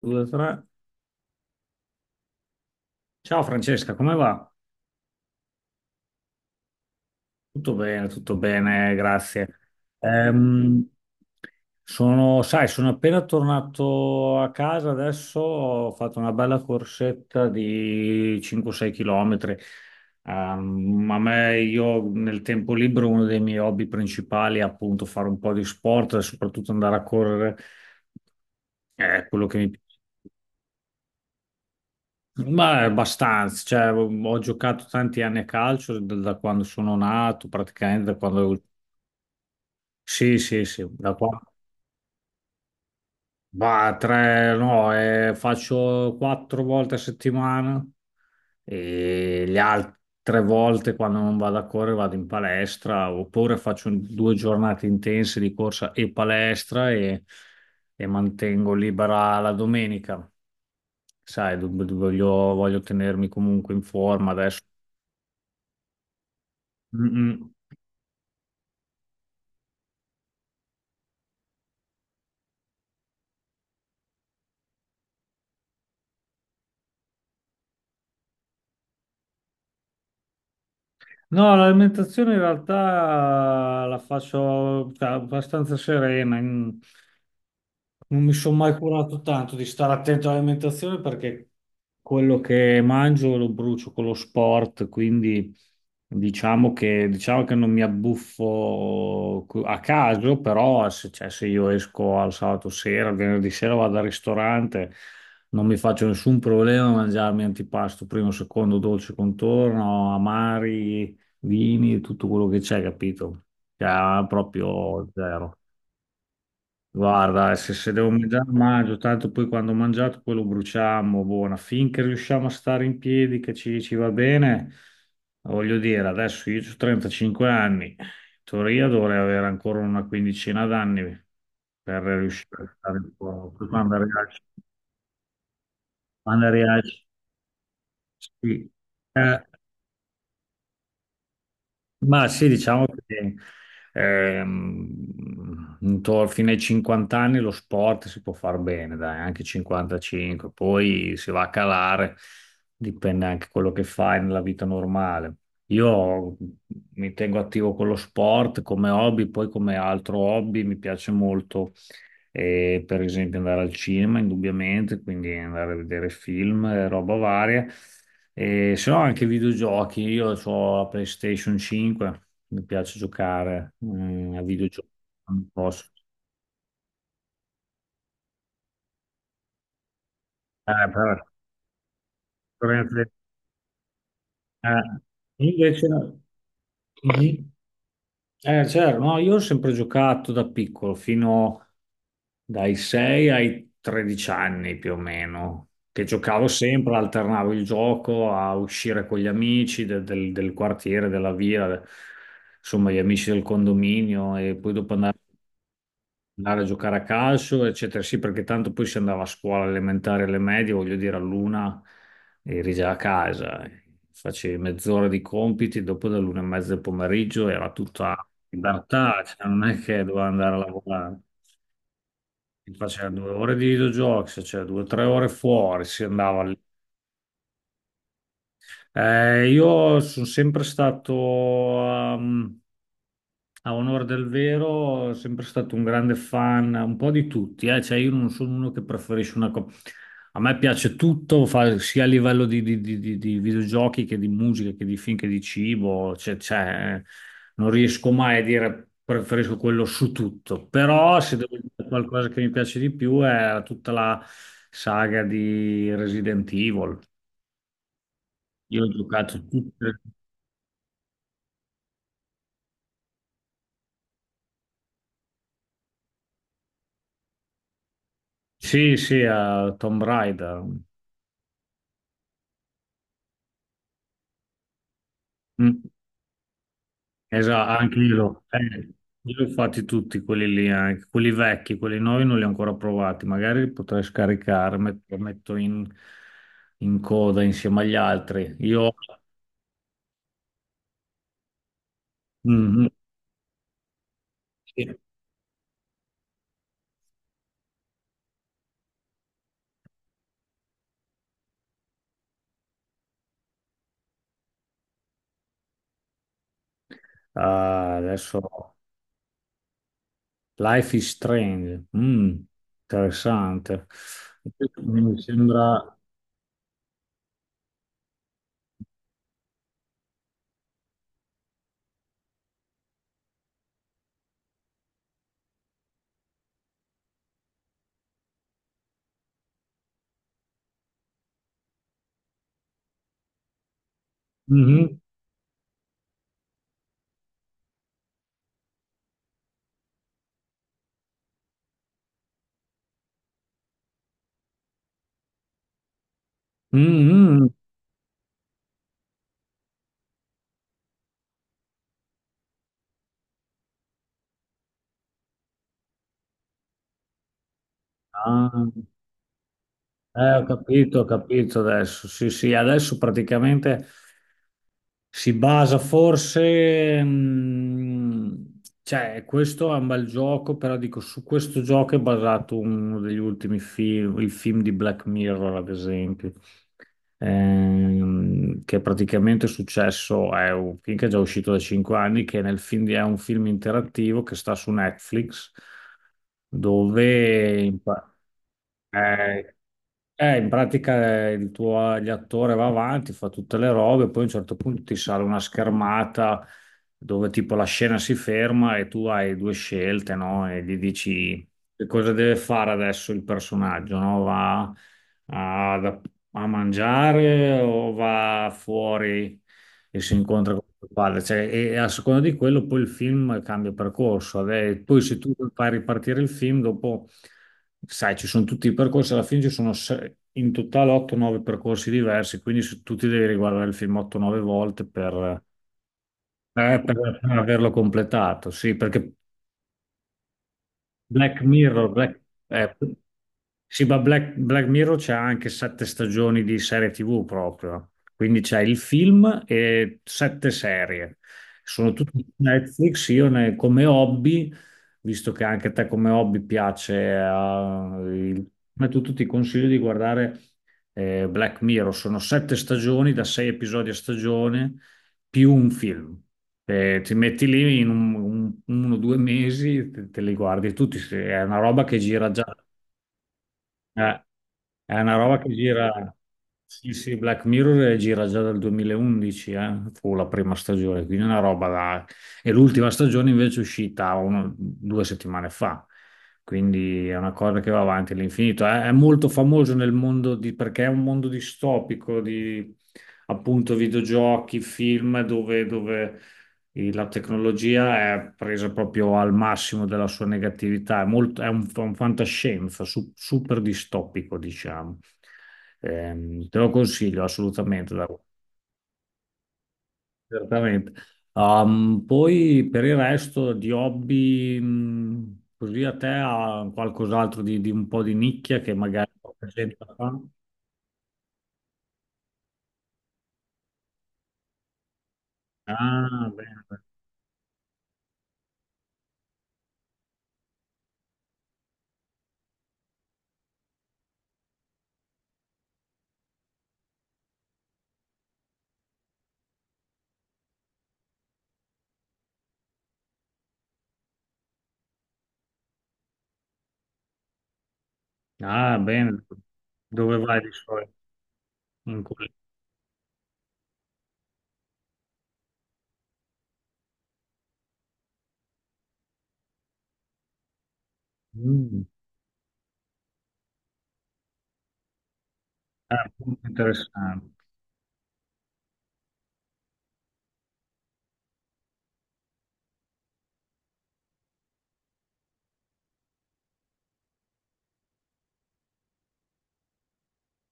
Due, tre. Ciao Francesca, come va? Tutto bene, grazie. Ehm, sai, sono appena tornato a casa adesso, ho fatto una bella corsetta di 5-6 km. Io nel tempo libero, uno dei miei hobby principali è appunto fare un po' di sport, soprattutto andare a correre, è quello che mi piace. Ma è abbastanza, cioè, ho giocato tanti anni a calcio da quando sono nato, praticamente da quando. Sì, sì, sì, da qua. Va, tre, no, faccio quattro volte a settimana e le altre volte quando non vado a correre vado in palestra oppure faccio 2 giornate intense di corsa e palestra e mantengo libera la domenica. Sai, voglio tenermi comunque in forma adesso. Mm, mm. No, l'alimentazione in realtà la faccio, cioè, abbastanza serena, in- non mi sono mai curato tanto di stare attento all'alimentazione perché quello che mangio lo brucio con lo sport, quindi diciamo che non mi abbuffo cu- a caso, però se, cioè, se io esco al sabato sera, al venerdì sera vado al ristorante, non mi faccio nessun problema a mangiarmi antipasto, primo, secondo, dolce contorno, amari, vini, tutto quello che c'è, capito? Cioè, proprio zero. Guarda, se devo mangiare, mangio, tanto poi quando ho mangiato poi lo bruciamo, buona, finché riusciamo a stare in piedi, che ci va bene, voglio dire, adesso io ho 35 anni, in teoria dovrei avere ancora una quindicina d'anni per riuscire a stare un po', poi quando arrivi al- sì. Eh, Ma sì, diciamo che fino ai 50 anni lo sport si può far bene, dai, anche 55, poi si va a calare, dipende anche quello che fai nella vita normale. Io mi tengo attivo con lo sport come hobby, poi come altro hobby mi piace molto, per esempio, andare al cinema, indubbiamente, quindi andare a vedere film, roba varia. E se no anche videogiochi, io ho la PlayStation 5, mi piace giocare a videogiochi, non posso. Eh, per- per- eh, Invece. Mhm. Certo, no, io ho sempre giocato da piccolo, fino dai 6 ai 13 anni più o meno, che giocavo sempre, alternavo il gioco a uscire con gli amici del quartiere, della via, insomma gli amici del condominio e poi dopo andare a giocare a calcio, eccetera. Sì, perché tanto poi si andava a scuola elementare, alle medie, voglio dire, all'una eri già a casa, facevi mezz'ora di compiti, dopo dall'una e mezza del pomeriggio era tutta libertà, cioè non è che doveva andare a lavorare. Si faceva 2 ore di videogiochi, cioè 2 o 3 ore fuori, si andava lì. Io sono sempre stato, ehm, a onore del vero, sempre stato un grande fan, un po' di tutti, eh. Cioè, io non sono uno che preferisce una cosa. A me piace tutto, sia a livello di videogiochi che di musica, che di film, che di cibo, cioè, non riesco mai a dire preferisco quello su tutto, però se devo dire qualcosa che mi piace di più è tutta la saga di Resident Evil. Io ho giocato tutte. Sì, sì, a Tomb Raider. Mm, esatto, anche io. Io li ho fatti tutti quelli lì, anche quelli vecchi, quelli nuovi non li ho ancora provati. Magari li potrei scaricare, lo metto in, coda insieme agli altri. Io. Mhm, sì. Ah, adesso. Life is Strange. Mm, interessante. Mi sembra. Mhm, mhm. Ah. Ho capito, ho capito adesso. Sì, sì, adesso praticamente si basa forse, cioè questo è un bel gioco, però dico su questo gioco è basato uno degli ultimi film, il film di Black Mirror, ad esempio, che praticamente è successo, è un film che è già uscito da 5 anni, che nel film è un film interattivo che sta su Netflix, dove. Eh, In pratica, il tuo l'attore va avanti, fa tutte le robe, poi a un certo punto ti sale una schermata dove tipo la scena si ferma e tu hai due scelte, no? E gli dici che cosa deve fare adesso il personaggio, no? Va a, da- a mangiare o va fuori e si incontra con il padre? Cioè, e a seconda di quello poi il film cambia percorso. Vabbè, poi se tu fai ripartire il film, dopo, sai, ci sono tutti i percorsi, alla fine ci sono in totale 8-9 percorsi diversi, quindi se tu ti devi riguardare il film 8-9 volte per averlo completato, sì, perché Black Mirror, eh, sì, ma Black Mirror c'è anche sette stagioni di serie TV proprio. Quindi c'è il film e sette serie. Sono tutti su Netflix. Come hobby, visto che anche a te come hobby piace, ma tu ti consiglio di guardare Black Mirror. Sono sette stagioni da sei episodi a stagione più un film. Ti metti lì in 1 o 2 mesi, te li guardi tutti. È una roba che gira già. eh, è una roba che gira. Sì, sì, Black Mirror gira già dal 2011, fu la prima stagione, quindi una roba da. E l'ultima stagione invece è uscita 2 settimane fa, quindi è una cosa che va avanti all'infinito. È molto famoso nel mondo di, perché è un mondo distopico di appunto videogiochi, film, dove la tecnologia è presa proprio al massimo della sua negatività. È molto, è un fantascienza, super distopico, diciamo. Te lo consiglio assolutamente, certamente. Poi per il resto di hobby, così a te ha qualcos'altro di un po' di nicchia che magari poca gente fa? Ah, bene. Ah, bene. Dove vai di solito? In quel- Mm. Ah, molto interessante.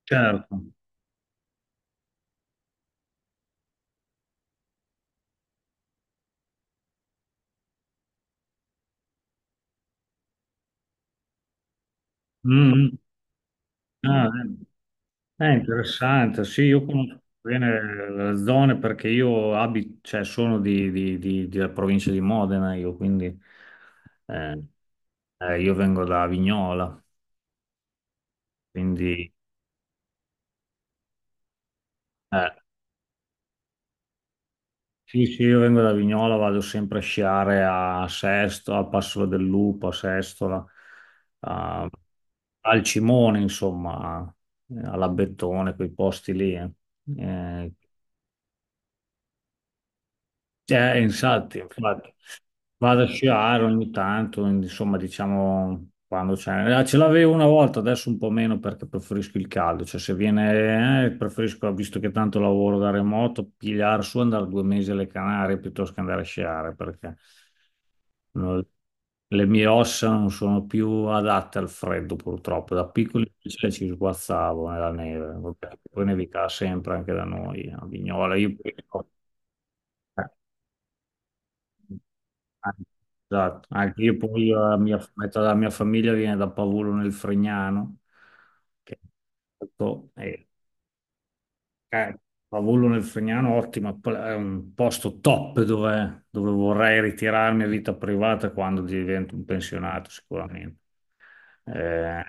Certo. Mm, mm. Ah, eh. È interessante, sì, io conosco bene le zone perché io abito, cioè sono della provincia di Modena, io quindi, eh, io vengo da Vignola, quindi eh, sì, sì, io vengo da Vignola, vado sempre a sciare a Sesto, a Passola del Lupo, a Sestola, a- al Cimone, insomma, all'Abbettone, quei posti lì. Eh, Infatti, infatti. Vado a sciare ogni tanto, insomma, diciamo quando c'è. Ce l'avevo una volta, adesso un po' meno perché preferisco il caldo. Cioè, se viene, preferisco, visto che tanto lavoro da remoto, pigliare su, andare 2 mesi alle Canarie piuttosto che andare a sciare perché no, le mie ossa non sono più adatte al freddo, purtroppo. Da piccoli invece ci sguazzavo nella neve. Vabbè, poi nevicava sempre anche da noi a Vignola. Io. Ah. Esatto, anche io poi metà della mia famiglia viene da Pavullo nel Fregnano, che è, molto- eh, eh, Pavullo nel Fregnano, ottimo, è un posto top dove vorrei ritirarmi a vita privata quando divento un pensionato, sicuramente. Eh,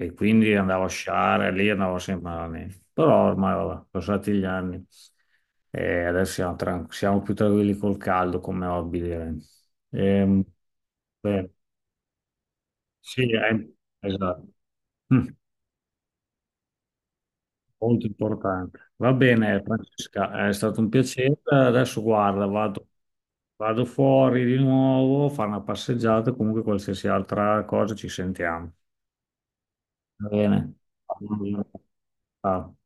e quindi andavo a sciare lì, andavo sempre alla neve. Però ormai, vabbè, sono passati gli anni e adesso siamo, siamo più tranquilli col caldo come hobby, direi. Ehm, Beh, sì, esatto. Mm, Molto importante. Va bene, Francesca, è stato un piacere. Adesso guarda, vado, fuori di nuovo a fare una passeggiata, comunque qualsiasi altra cosa ci sentiamo. Va bene. Ciao.